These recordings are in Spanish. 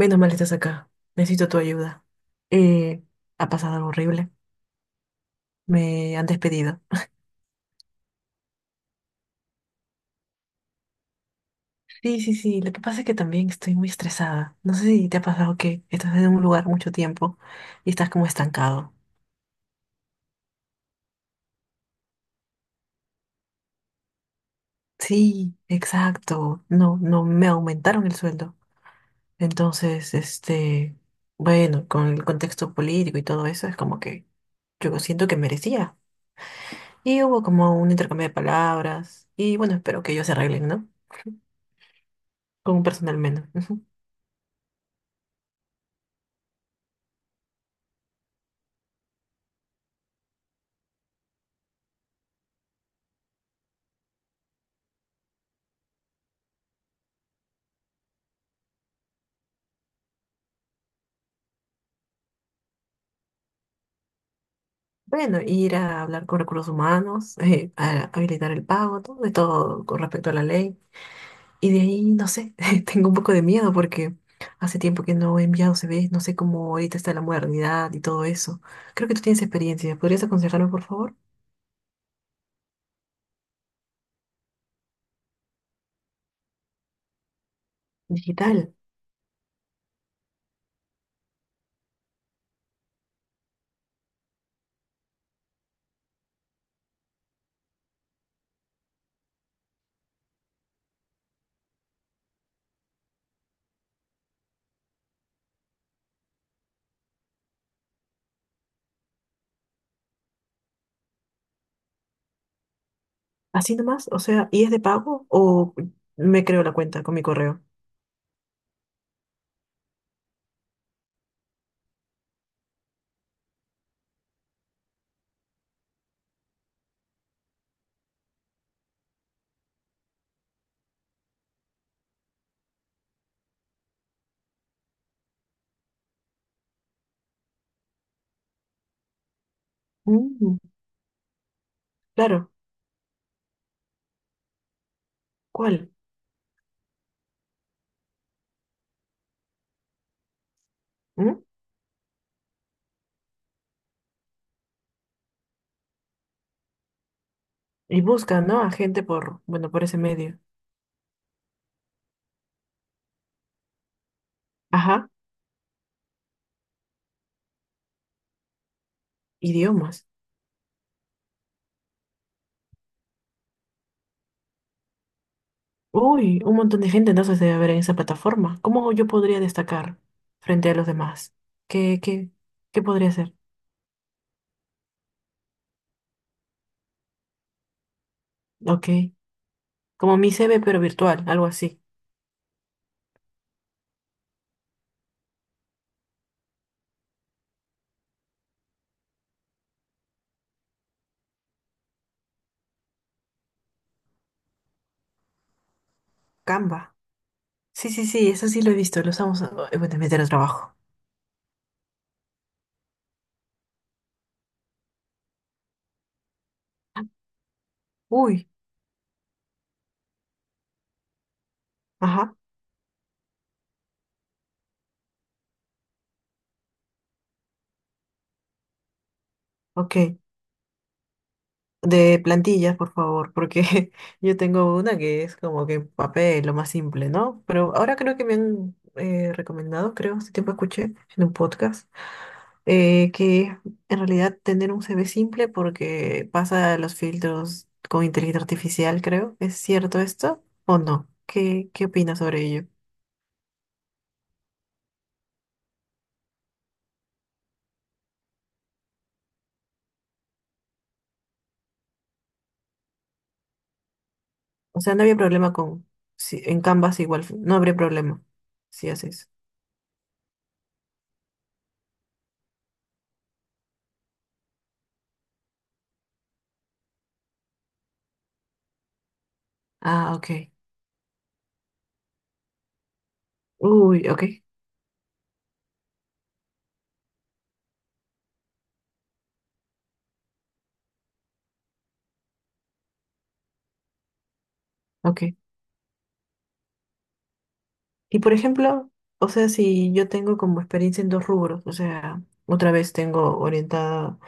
Menos mal estás acá. Necesito tu ayuda. Eh, Ha pasado algo horrible. Me han despedido. Sí, sí, sí. Lo que pasa es que también estoy muy estresada. No sé si te ha pasado que estás en un lugar mucho tiempo y estás como estancado. Sí, exacto. No, no me aumentaron el sueldo. Entonces, bueno, con el contexto político y todo eso, es como que yo siento que merecía. Y hubo como un intercambio de palabras. Y bueno, espero que ellos se arreglen, ¿no? Con un personal menos. Bueno, ir a hablar con recursos humanos, a habilitar el pago, todo de todo con respecto a la ley. Y de ahí, no sé, tengo un poco de miedo porque hace tiempo que no he enviado CVs, no sé cómo ahorita está la modernidad y todo eso. Creo que tú tienes experiencia. ¿Podrías aconsejarme, por favor? Digital. Así nomás, o sea, ¿y es de pago o me creo la cuenta con mi correo? Mm, claro, ¿cuál? Mm. Y busca, ¿no? A gente por, bueno, por ese medio. Ajá, idiomas. Uy, un montón de gente entonces debe haber en esa plataforma. ¿Cómo yo podría destacar frente a los demás? ¿Qué, qué, qué podría ser? Ok, como mi CV pero virtual, algo así. Canva. Sí, sí, sí, eso sí lo he visto, lo usamos bueno, en meter el trabajo. Uy, ajá, ok. De plantillas, por favor, porque yo tengo una que es como que papel, lo más simple, ¿no? Pero ahora creo que me han recomendado, creo, hace tiempo escuché en un podcast que en realidad tener un CV simple porque pasa los filtros con inteligencia artificial, creo. ¿Es cierto esto o no? ¿Qué opinas sobre ello? O sea, no había problema con... Si, en Canvas igual, no habría problema si haces. Ah, ok. Uy, ok, ok. Y por ejemplo, o sea, si yo tengo como experiencia en dos rubros, o sea, otra vez tengo orientada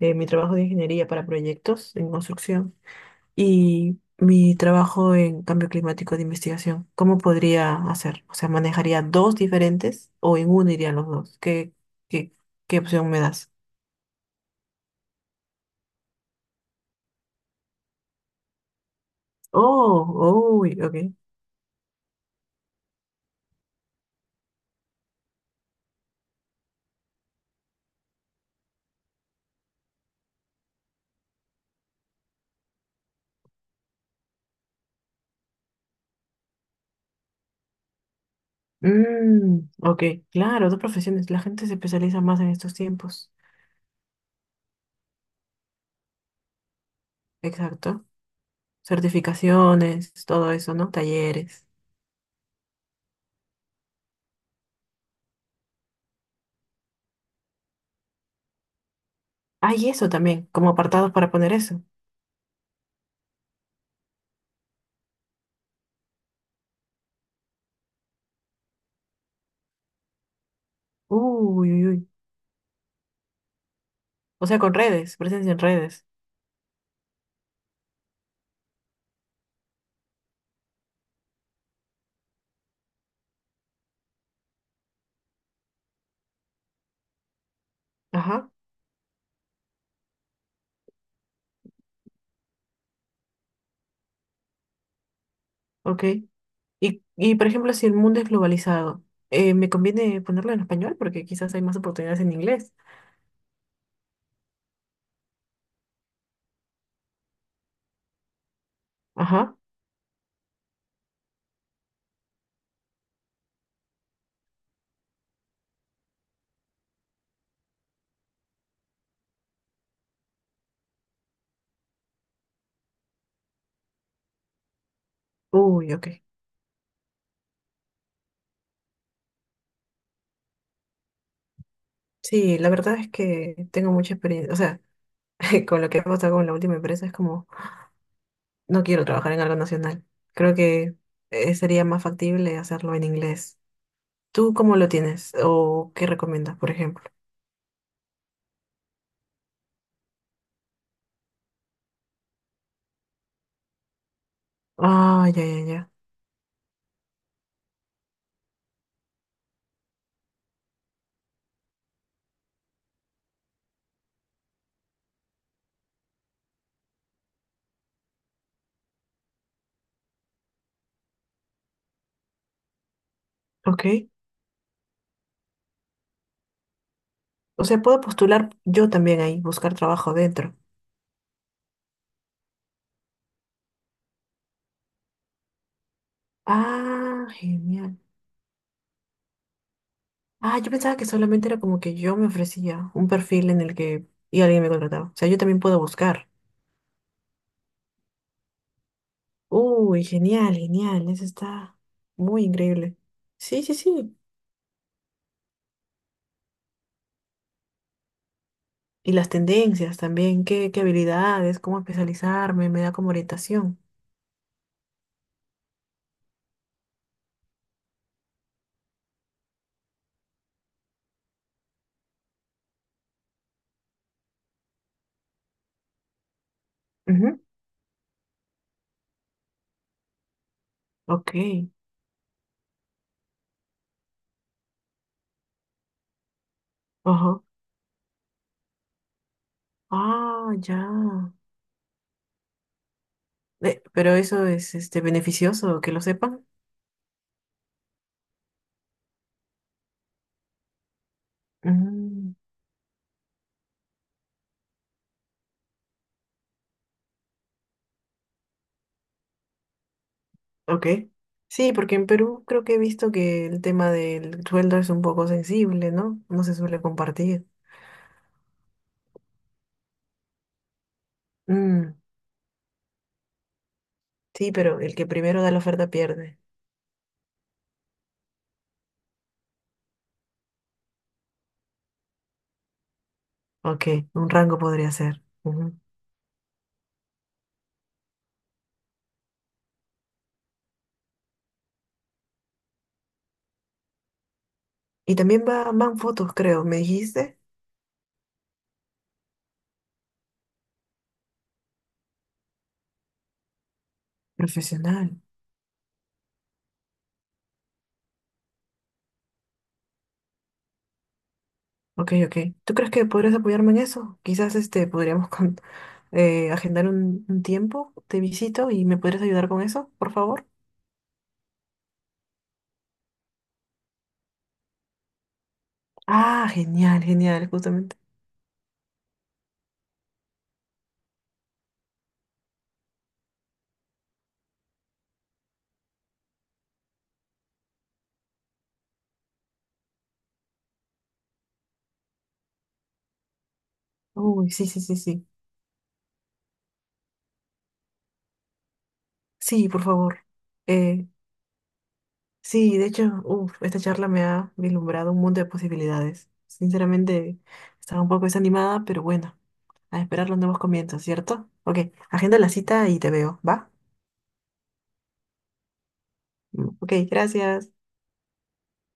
mi trabajo de ingeniería para proyectos en construcción y mi trabajo en cambio climático de investigación. ¿Cómo podría hacer? O sea, ¿manejaría dos diferentes o en uno irían los dos? Qué, qué opción me das? Oh, uy, ok. Mm, ok, claro, dos profesiones. La gente se especializa más en estos tiempos. Exacto. Certificaciones, todo eso, ¿no? Talleres. Hay eso también, como apartados para poner eso. Uy, uy, uy. O sea, con redes, presencia en redes. Ajá, ok. Y por ejemplo, si el mundo es globalizado, ¿me conviene ponerlo en español? Porque quizás hay más oportunidades en inglés. Ajá. Uy, ok. Sí, la verdad es que tengo mucha experiencia. O sea, con lo que ha pasado con la última empresa es como, no quiero trabajar en algo nacional. Creo que sería más factible hacerlo en inglés. ¿Tú cómo lo tienes? ¿O qué recomiendas, por ejemplo? Ah, ya, ya, ya. Ok. O sea, puedo postular yo también ahí, buscar trabajo dentro. Ah, genial. Ah, yo pensaba que solamente era como que yo me ofrecía un perfil en el que y alguien me contrataba. O sea, yo también puedo buscar. Uy, genial, genial. Eso está muy increíble. Sí, sí, sí. Y las tendencias también, qué habilidades, cómo especializarme, me da como orientación. Ujú. Ok. Ajá. Ah, ya. Pero eso es este beneficioso que lo sepan. Mm. Ok. Sí, porque en Perú creo que he visto que el tema del sueldo es un poco sensible, ¿no? No se suele compartir. Mm, sí, pero el que primero da la oferta pierde. Ok, un rango podría ser. Ujú. Y también va, van fotos, creo. ¿Me dijiste? Profesional. Ok, ok. ¿Tú crees que podrías apoyarme en eso? Quizás este podríamos con- agendar un tiempo, te visito y me podrías ayudar con eso, por favor. Ah, genial, genial, justamente. Uy, sí, sí, sí, sí. Sí, por favor. Eh, Sí, de hecho, uf, esta charla me ha vislumbrado un mundo de posibilidades. Sinceramente, estaba un poco desanimada, pero bueno, a esperar los nuevos comienzos, ¿cierto? Ok, agenda la cita y te veo, ¿va? Mm. Ok, gracias.